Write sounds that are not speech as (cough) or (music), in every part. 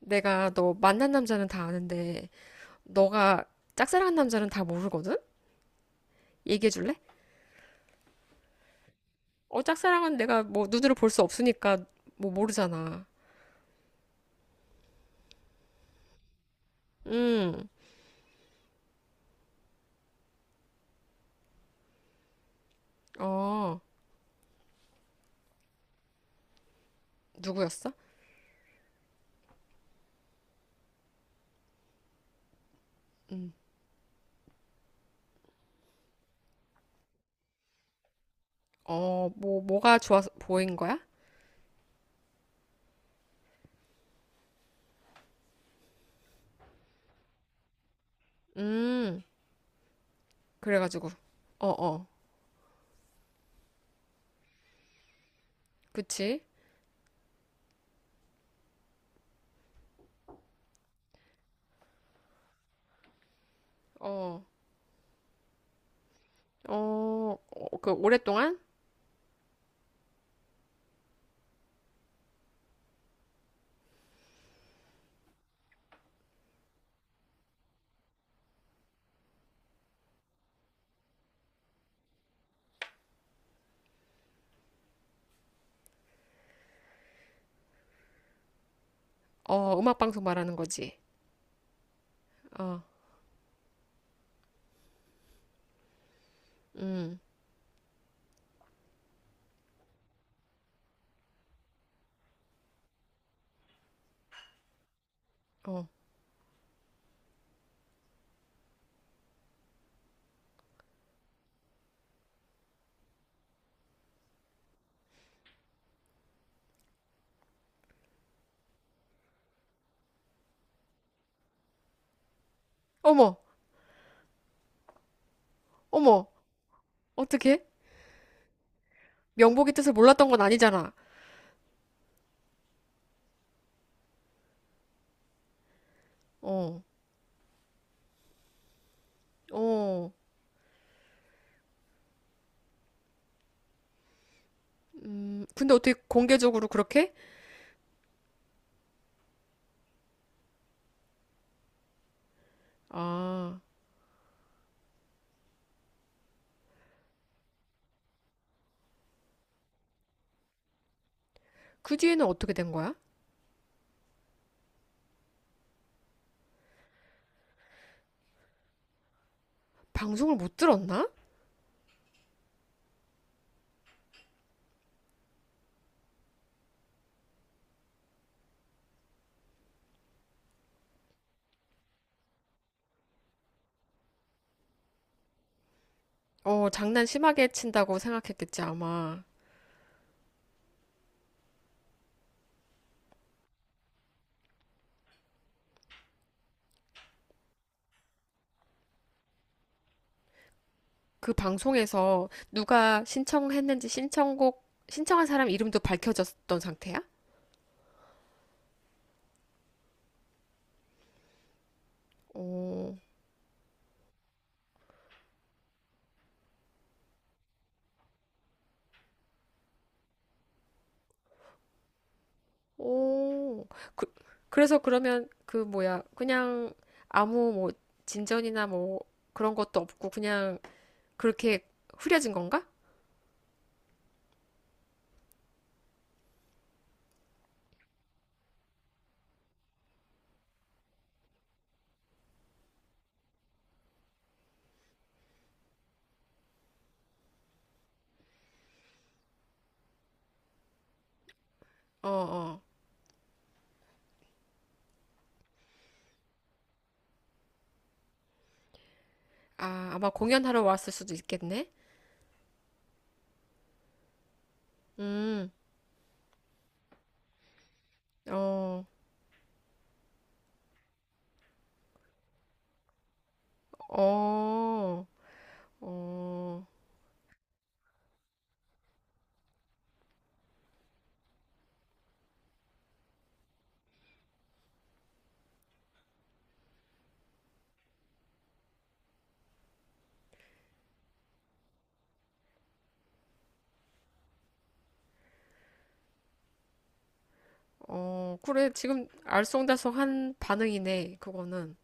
내가 너 만난 남자는 다 아는데 너가 짝사랑한 남자는 다 모르거든? 얘기해 줄래? 어, 짝사랑은 내가 뭐 눈으로 볼 수 없으니까 뭐 모르잖아. 음. 어, 누구였어? 어, 뭐 뭐가 좋아서 보인 거야? 음, 그래가지고. 어, 어, 그치? 어, 어, 어, 그 오랫동안. 어, 음악 방송 말하는 거지. 어, 음, 어, 어머, 어머, 어떻게? 명복이 뜻을 몰랐던 건 아니잖아. 어, 어. 근데 어떻게 공개적으로 그렇게? 아, 그 뒤에는 어떻게 된 거야? 방송을 못 들었나? 어, 장난 심하게 친다고 생각했겠지, 아마. 그 방송에서 누가 신청했는지 신청곡, 신청한 사람 이름도 밝혀졌던 상태야? 오. 오, 그, 그래서 그러면 그 뭐야, 그냥 아무 뭐 진전이나 뭐 그런 것도 없고 그냥 그렇게 흐려진 건가? 어, 어. 아, 아마 공연하러 왔을 수도 있겠네. 음. 어, 어, 어, 어, 그래, 지금 알쏭달쏭한 반응이네, 그거는.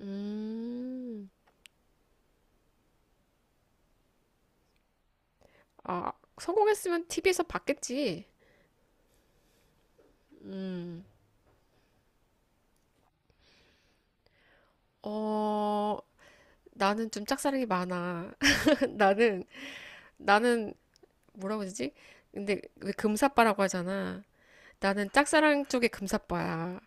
음, 아, 성공했으면 TV에서 봤겠지. 어, 나는 좀 짝사랑이 많아. (laughs) 나는, 나는, 뭐라고 그러지? 근데 왜 금사빠라고 하잖아. 나는 짝사랑 쪽에 금사빠야.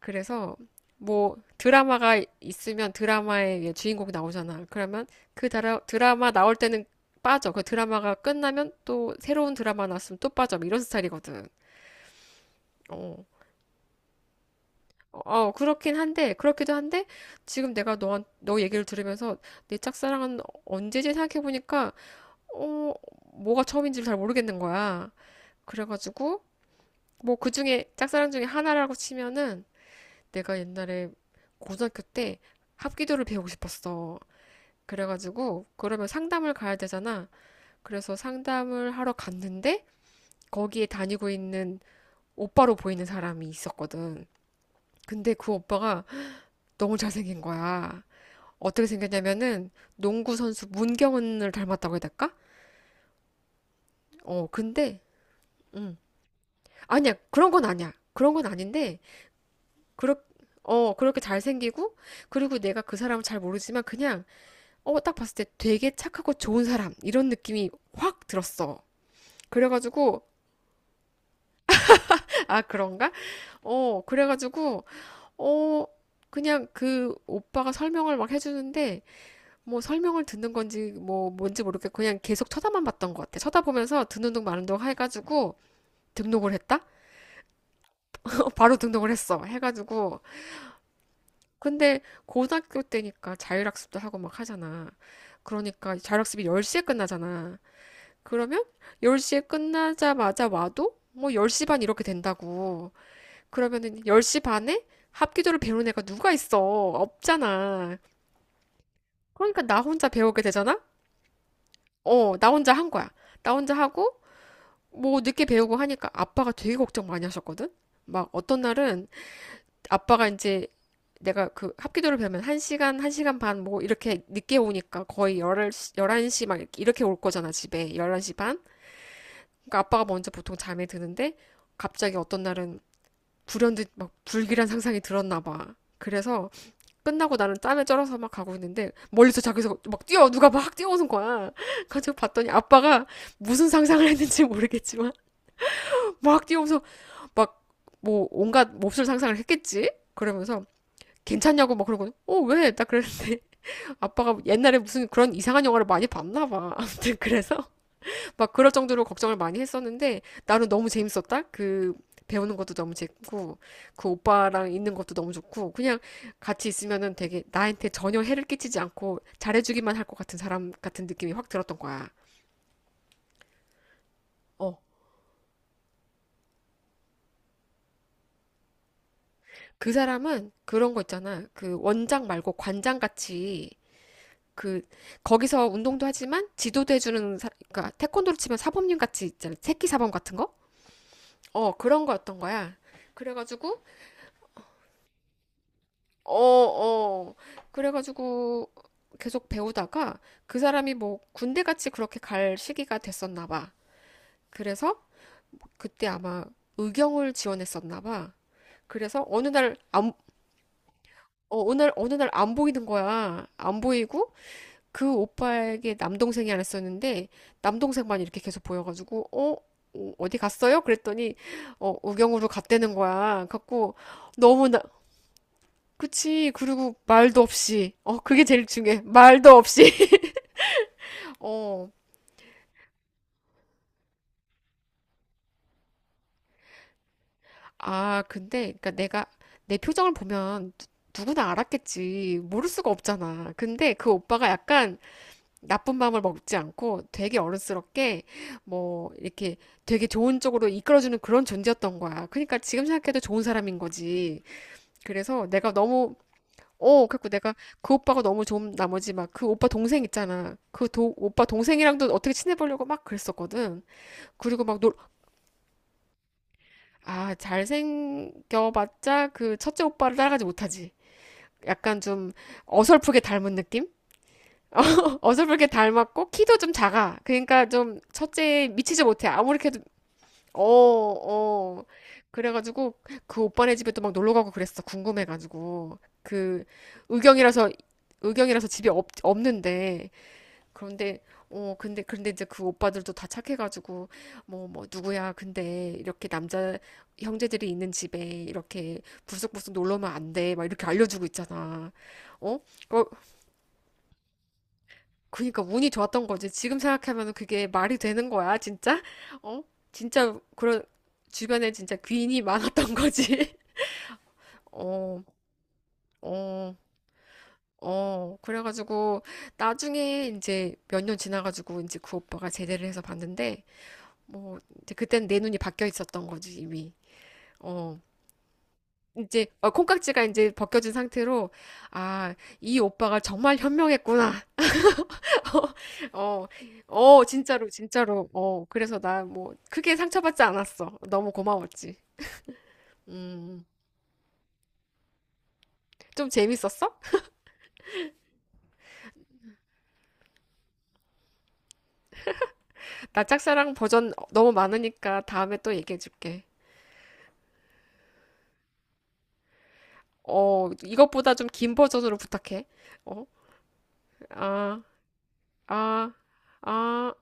그래서 뭐 드라마가 있으면 드라마의 주인공이 나오잖아. 그러면 드라마 나올 때는 빠져. 그 드라마가 끝나면 또 새로운 드라마 나왔으면 또 빠져. 뭐 이런 스타일이거든. 어. 어, 그렇긴 한데, 그렇기도 한데, 지금 내가 너 얘기를 들으면서 내 짝사랑은 언제지 생각해보니까, 어, 뭐가 처음인지를 잘 모르겠는 거야. 그래가지고, 뭐 그 중에, 짝사랑 중에 하나라고 치면은, 내가 옛날에 고등학교 때 합기도를 배우고 싶었어. 그래가지고 그러면 상담을 가야 되잖아. 그래서 상담을 하러 갔는데 거기에 다니고 있는 오빠로 보이는 사람이 있었거든. 근데 그 오빠가 너무 잘생긴 거야. 어떻게 생겼냐면은 농구 선수 문경은을 닮았다고 해야 될까? 어, 근데 음. 아니야. 그런 건 아니야. 그런 건 아닌데 그렇 그렇게 잘생기고, 그리고 내가 그 사람을 잘 모르지만 그냥 어, 딱 봤을 때 되게 착하고 좋은 사람 이런 느낌이 확 들었어. 그래가지고. (laughs) 아 그런가? 어, 그래가지고 어, 그냥 그 오빠가 설명을 막 해주는데 뭐 설명을 듣는 건지 뭐 뭔지 모르겠고 그냥 계속 쳐다만 봤던 것 같아. 쳐다보면서 듣는 둥 마는 둥 해가지고 등록을 했다? (laughs) 바로 등록을 했어. 해가지고, 근데 고등학교 때니까 자율학습도 하고 막 하잖아. 그러니까 자율학습이 10시에 끝나잖아. 그러면 10시에 끝나자마자 와도 뭐 10시 반 이렇게 된다고. 그러면은 10시 반에 합기도를 배우는 애가 누가 있어? 없잖아. 그러니까 나 혼자 배우게 되잖아? 어, 나 혼자 한 거야. 나 혼자 하고 뭐 늦게 배우고 하니까 아빠가 되게 걱정 많이 하셨거든? 막 어떤 날은 아빠가 이제 내가 그 합기도를 배우면 1시간, 1시간 반 뭐 이렇게 늦게 오니까 거의 열1시 11시 막 이렇게 올 거잖아, 집에. 11시 반? 그러니까 아빠가 먼저 보통 잠에 드는데 갑자기 어떤 날은 불현듯 막 불길한 상상이 들었나 봐. 그래서 끝나고 나는 땀에 쩔어서 막 가고 있는데 멀리서 자기서 막 뛰어 누가 막 뛰어오는 거야. (laughs) 그래서 봤더니 아빠가 무슨 상상을 했는지 모르겠지만. (laughs) 막 뛰어오면서 막 뭐 온갖 몹쓸 상상을 했겠지. 그러면서 괜찮냐고 막 그러고. 어, 왜? 딱 그랬는데. (laughs) 아빠가 옛날에 무슨 그런 이상한 영화를 많이 봤나 봐. (laughs) 아무튼 그래서 막 그럴 정도로 걱정을 많이 했었는데 나는 너무 재밌었다. 그 배우는 것도 너무 재밌고 그 오빠랑 있는 것도 너무 좋고 그냥 같이 있으면은 되게 나한테 전혀 해를 끼치지 않고 잘해주기만 할 것 같은 사람 같은 느낌이 확 들었던 거야. 어. 그 사람은 그런 거 있잖아. 그 원장 말고 관장 같이, 그 거기서 운동도 하지만 지도도 해주는 그러니까 태권도로 치면 사범님 같이 있잖아. 새끼 사범 같은 거? 어, 그런 거였던 거야. 그래가지고 어, 어. 그래가지고 계속 배우다가 그 사람이 뭐 군대 같이 그렇게 갈 시기가 됐었나 봐. 그래서 그때 아마 의경을 지원했었나 봐. 그래서 어느 날, 어느 날 안 보이는 거야. 안 보이고. 그 오빠에게 남동생이 하나 있었는데 남동생만 이렇게 계속 보여가지고 어? 어, 어디 갔어요? 그랬더니 어, 의경으로 갔다는 거야. 갖고 너무 나, 그치. 그리고 말도 없이. 어, 그게 제일 중요해. 말도 없이. (laughs) 어. 아, 근데, 그니까 내가, 내 표정을 보면 누구나 알았겠지. 모를 수가 없잖아. 근데 그 오빠가 약간 나쁜 마음을 먹지 않고 되게 어른스럽게 뭐, 이렇게 되게 좋은 쪽으로 이끌어주는 그런 존재였던 거야. 그러니까 지금 생각해도 좋은 사람인 거지. 그래서 내가 너무, 어, 그래고 내가 그 오빠가 너무 좋은 나머지 막 그 오빠 동생 있잖아. 오빠 동생이랑도 어떻게 친해보려고 막 그랬었거든. 그리고 막 놀, 아, 잘생겨봤자 그 첫째 오빠를 따라가지 못하지. 약간 좀 어설프게 닮은 느낌? (laughs) 어설프게 닮았고, 키도 좀 작아. 그러니까 좀 첫째에 미치지 못해. 아무리 해도, 어, 어. 그래가지고 그 오빠네 집에 또 막 놀러 가고 그랬어. 궁금해가지고. 그 의경이라서, 의경이라서 집에 없는데. 그런데 어, 근데 그런데 이제 그 오빠들도 다 착해가지고 뭐 누구야, 근데 이렇게 남자 형제들이 있는 집에 이렇게 불쑥불쑥 놀러면 안 돼, 막 이렇게 알려주고 있잖아. 어? 어, 그러니까 운이 좋았던 거지. 지금 생각하면 그게 말이 되는 거야, 진짜. 어, 진짜 그런, 주변에 진짜 귀인이 많았던 거지. (laughs) 어. 어, 어. 그래가지고 나중에 이제 몇 년 지나가지고 이제 그 오빠가 제대를 해서 봤는데 뭐 이제 그때는 내 눈이 바뀌어 있었던 거지, 이미. 어. 이제 어, 콩깍지가 이제 벗겨진 상태로. 아, 이 오빠가 정말 현명했구나. (laughs) 어, 어, 진짜로 진짜로. 어, 그래서 나 뭐 크게 상처받지 않았어. 너무 고마웠지. 음, 좀 재밌었어? 나 짝사랑 버전 너무 많으니까 다음에 또 얘기해 줄게. 어, 이것보다 좀 긴 버전으로 부탁해. 어, 아, 아, 아.